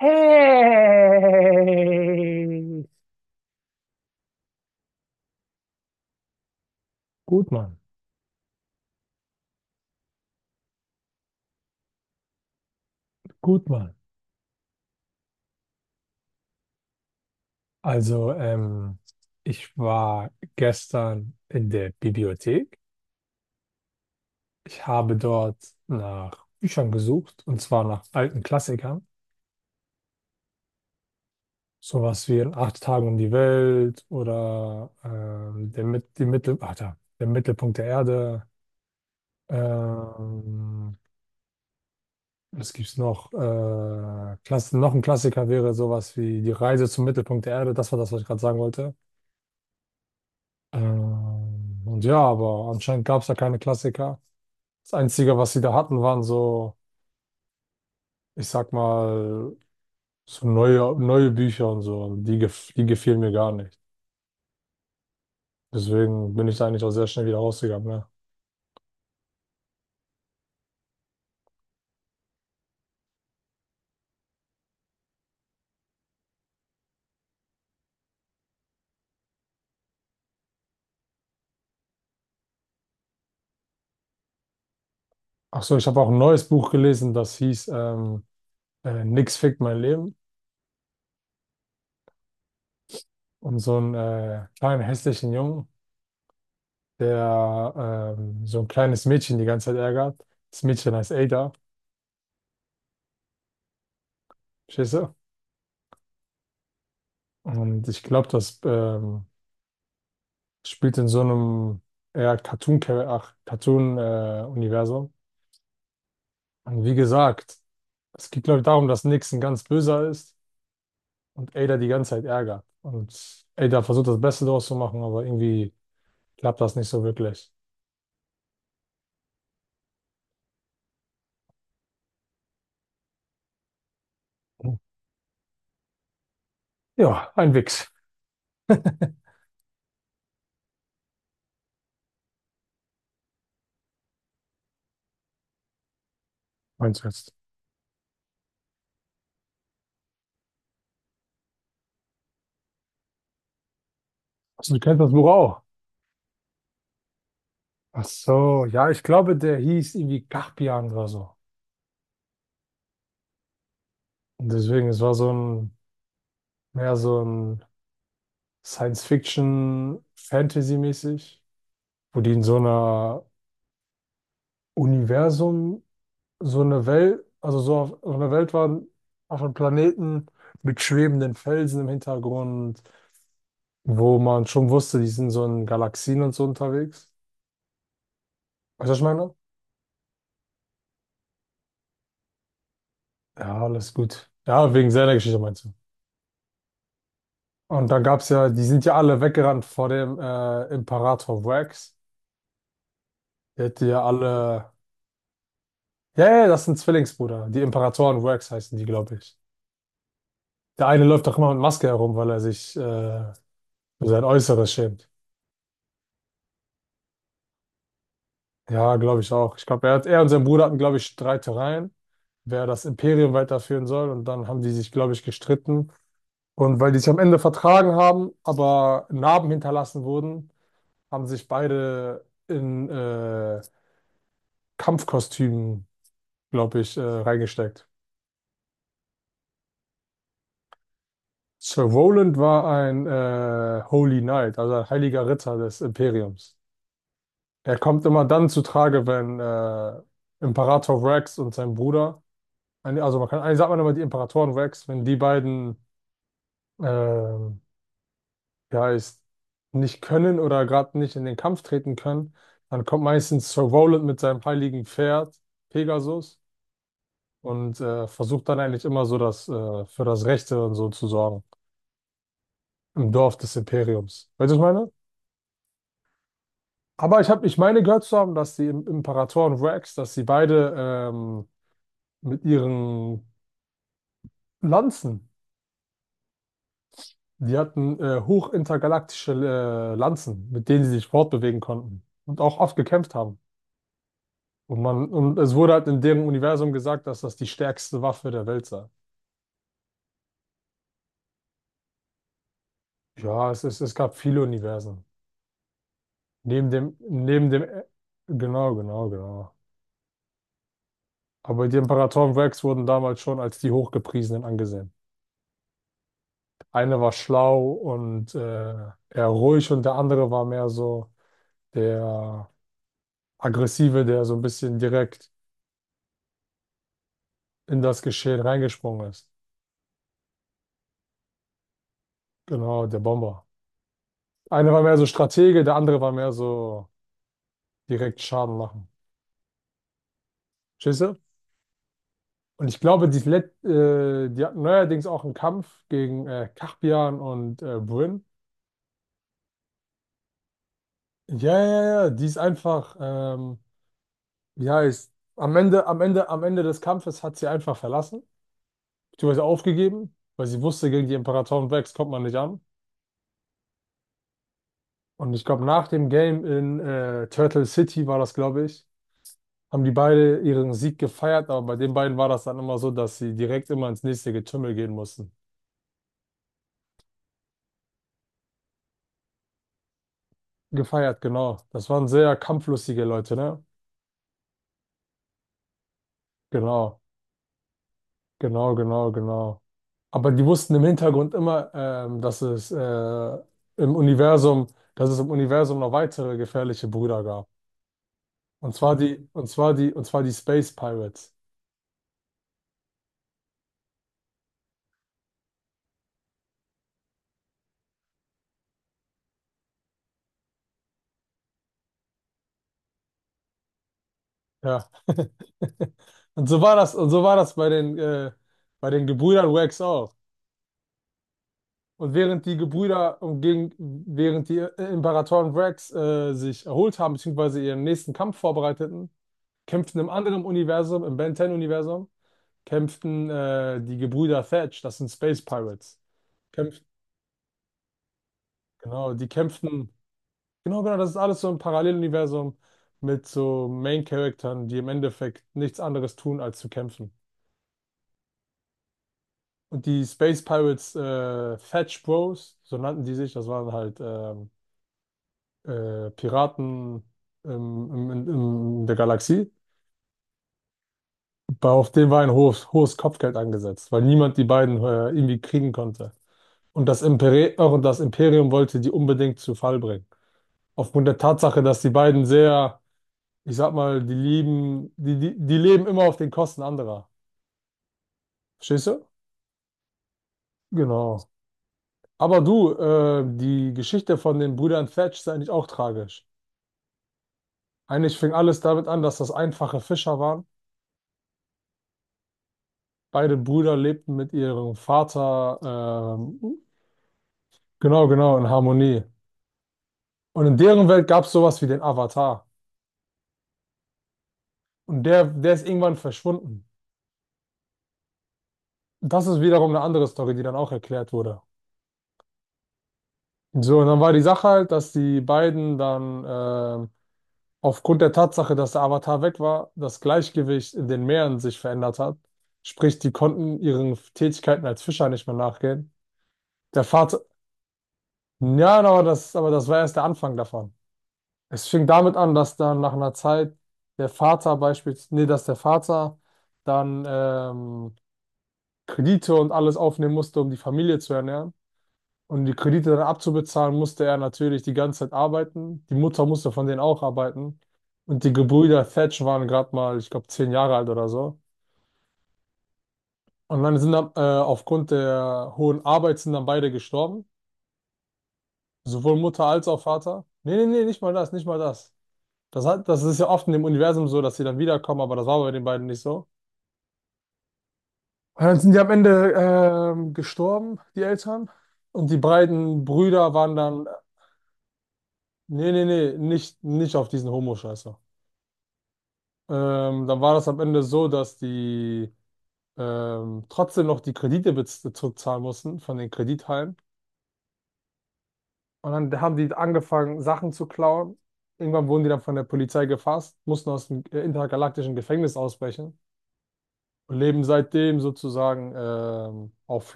Hey!